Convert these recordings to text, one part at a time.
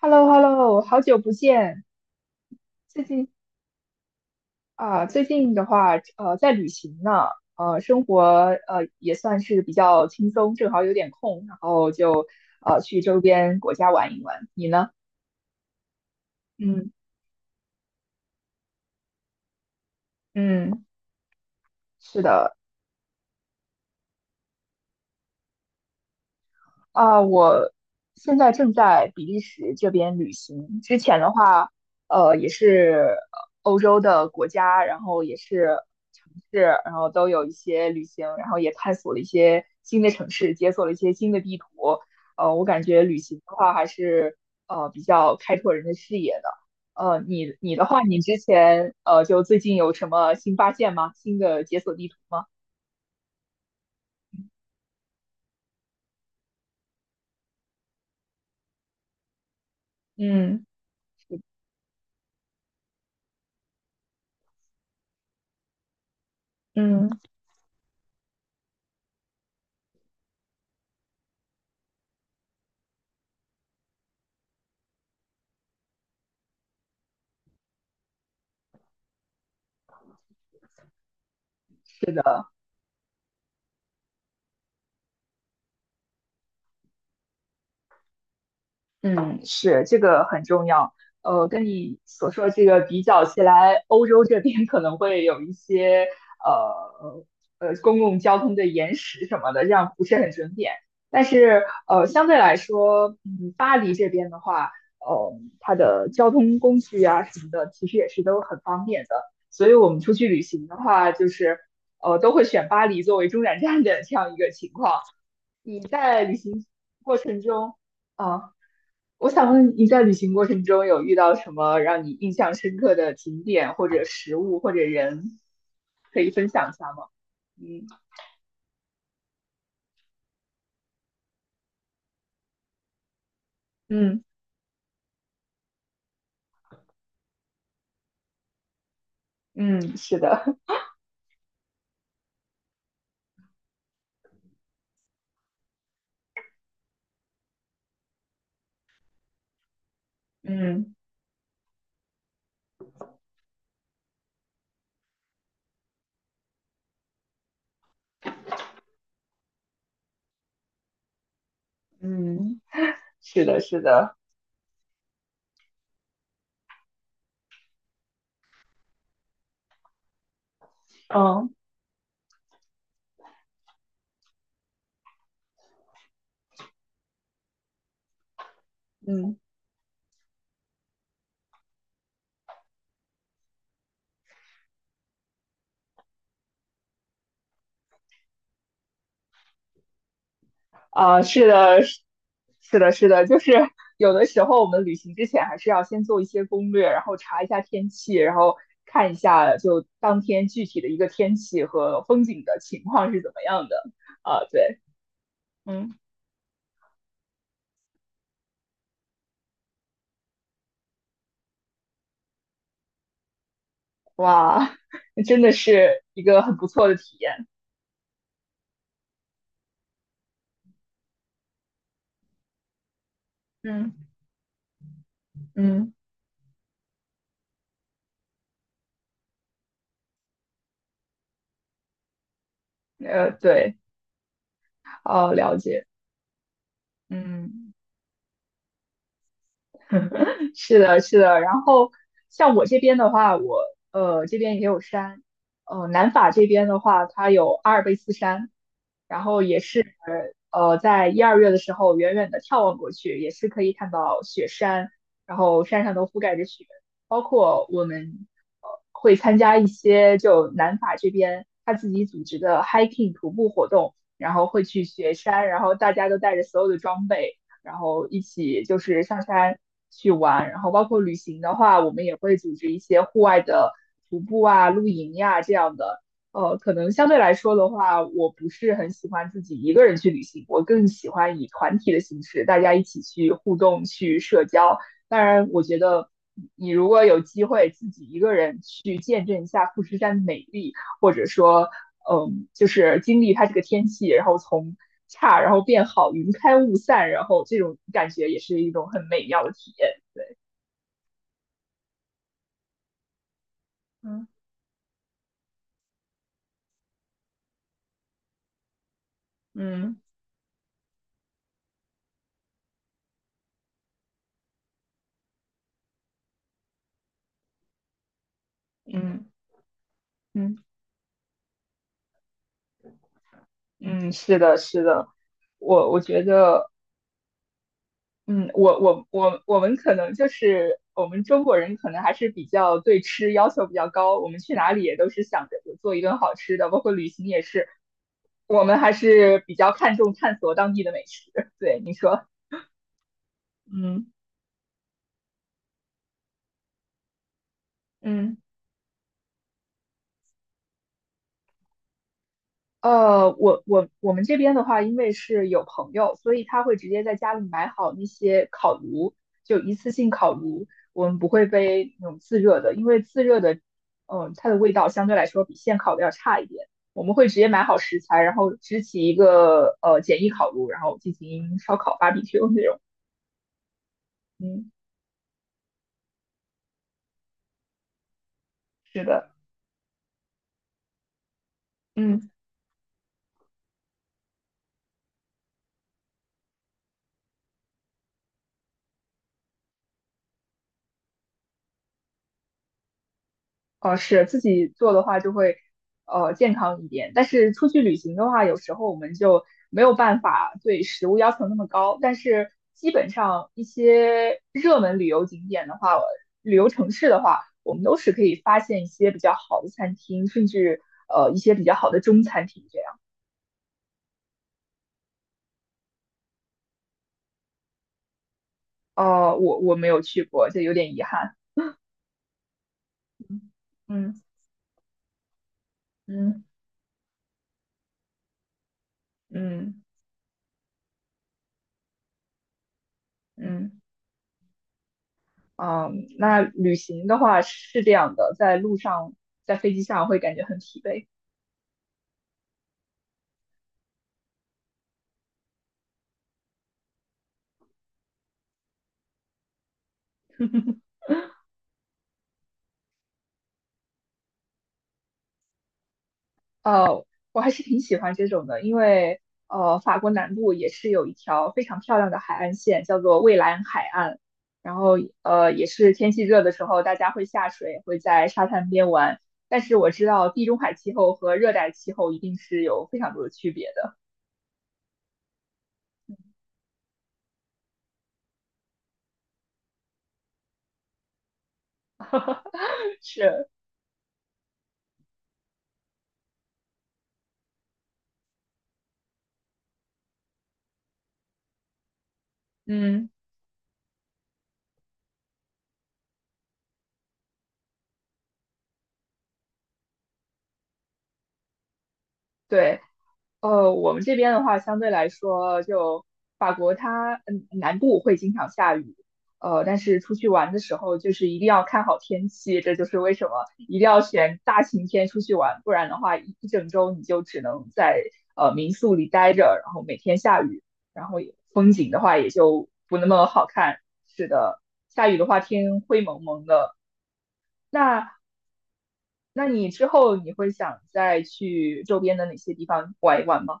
h e l l o h e l l o 好久不见。最近最近的话，在旅行呢，生活也算是比较轻松，正好有点空，然后就去周边国家玩一玩。你呢？嗯嗯，是的，啊，我现在正在比利时这边旅行。之前的话，也是欧洲的国家，然后也是城市，然后都有一些旅行，然后也探索了一些新的城市，解锁了一些新的地图。我感觉旅行的话还是比较开拓人的视野的。你的话，你之前就最近有什么新发现吗？新的解锁地图吗？嗯嗯，是的。嗯，是，这个很重要。跟你所说的这个比较起来，欧洲这边可能会有一些呃公共交通的延时什么的，这样不是很准点。但是相对来说，巴黎这边的话，呃，它的交通工具啊什么的，其实也是都很方便的。所以我们出去旅行的话，就是都会选巴黎作为中转站的这样一个情况。你在旅行过程中，啊、我想问你在旅行过程中有遇到什么让你印象深刻的景点或者食物或者人，可以分享一下吗？嗯嗯嗯，是的，嗯嗯，是的，是的，嗯嗯啊，是的，是的，是的，就是有的时候我们旅行之前还是要先做一些攻略，然后查一下天气，然后看一下就当天具体的一个天气和风景的情况是怎么样的啊，对，嗯。哇，真的是一个很不错的体验。嗯嗯，对，哦，了解。嗯，是的，是的。然后像我这边的话，我这边也有山，南法这边的话，它有阿尔卑斯山，然后也是在一二月的时候，远远的眺望过去，也是可以看到雪山，然后山上都覆盖着雪，包括我们会参加一些就南法这边他自己组织的 hiking 徒步活动，然后会去雪山，然后大家都带着所有的装备，然后一起就是上山去玩，然后包括旅行的话，我们也会组织一些户外的徒步啊、露营呀、这样的。可能相对来说的话，我不是很喜欢自己一个人去旅行，我更喜欢以团体的形式，大家一起去互动、去社交。当然，我觉得你如果有机会自己一个人去见证一下富士山的美丽，或者说，嗯，就是经历它这个天气，然后从差然后变好，云开雾散，然后这种感觉也是一种很美妙的体验。嗯嗯嗯嗯嗯，是的，是的，我觉得。嗯，我们可能就是我们中国人可能还是比较对吃要求比较高，我们去哪里也都是想着就做一顿好吃的，包括旅行也是，我们还是比较看重探索当地的美食。对，你说，嗯嗯。我们这边的话，因为是有朋友，所以他会直接在家里买好那些烤炉，就一次性烤炉。我们不会背那种自热的，因为自热的，它的味道相对来说比现烤的要差一点。我们会直接买好食材，然后支起一个简易烤炉，然后进行烧烤 barbecue 那种。嗯，是的，嗯。哦，是自己做的话就会健康一点，但是出去旅行的话，有时候我们就没有办法对食物要求那么高。但是基本上一些热门旅游景点的话，旅游城市的话，我们都是可以发现一些比较好的餐厅，甚至一些比较好的中餐厅这样。哦，我我没有去过，这有点遗憾。嗯嗯嗯嗯。嗯嗯，那旅行的话是这样的，在路上，在飞机上会感觉很疲惫。呃，我还是挺喜欢这种的，因为法国南部也是有一条非常漂亮的海岸线，叫做蔚蓝海岸。然后也是天气热的时候，大家会下水，会在沙滩边玩。但是我知道地中海气候和热带气候一定是有非常多的区别的。是，嗯，对。我们这边的话，相对来说，就法国它南部会经常下雨，但是出去玩的时候，就是一定要看好天气，这就是为什么一定要选大晴天出去玩，不然的话一整周你就只能在民宿里待着，然后每天下雨，然后也风景的话也就不那么好看。是的，下雨的话天灰蒙蒙的。那你之后你会想再去周边的哪些地方玩一玩吗？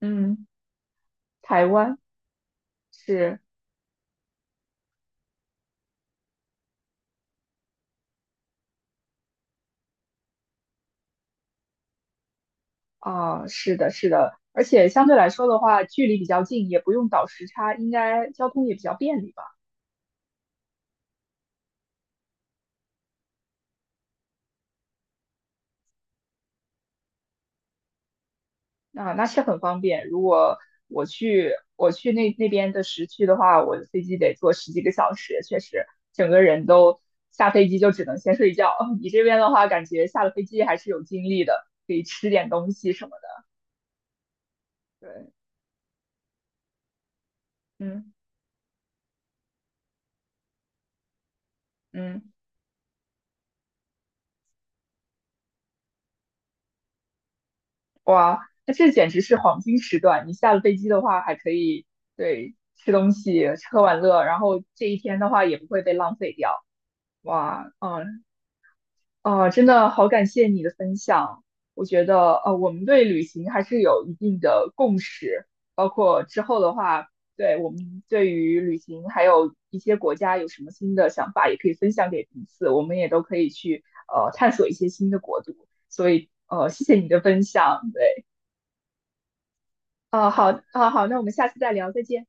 嗯。台湾是啊，是的，是的，而且相对来说的话，距离比较近，也不用倒时差，应该交通也比较便利吧？那那是很方便。如果我去那边的时区的话，我的飞机得坐十几个小时，确实整个人都下飞机就只能先睡觉。你这边的话，感觉下了飞机还是有精力的，可以吃点东西什么的。对，嗯嗯。哇，那这简直是黄金时段！你下了飞机的话，还可以对吃东西、吃喝玩乐，然后这一天的话也不会被浪费掉。哇，嗯，啊，真的好感谢你的分享。我觉得，我们对旅行还是有一定的共识，包括之后的话，对我们对于旅行还有一些国家有什么新的想法，也可以分享给彼此，我们也都可以去探索一些新的国度。所以，谢谢你的分享，对。哦，好，哦，好，那我们下次再聊，再见。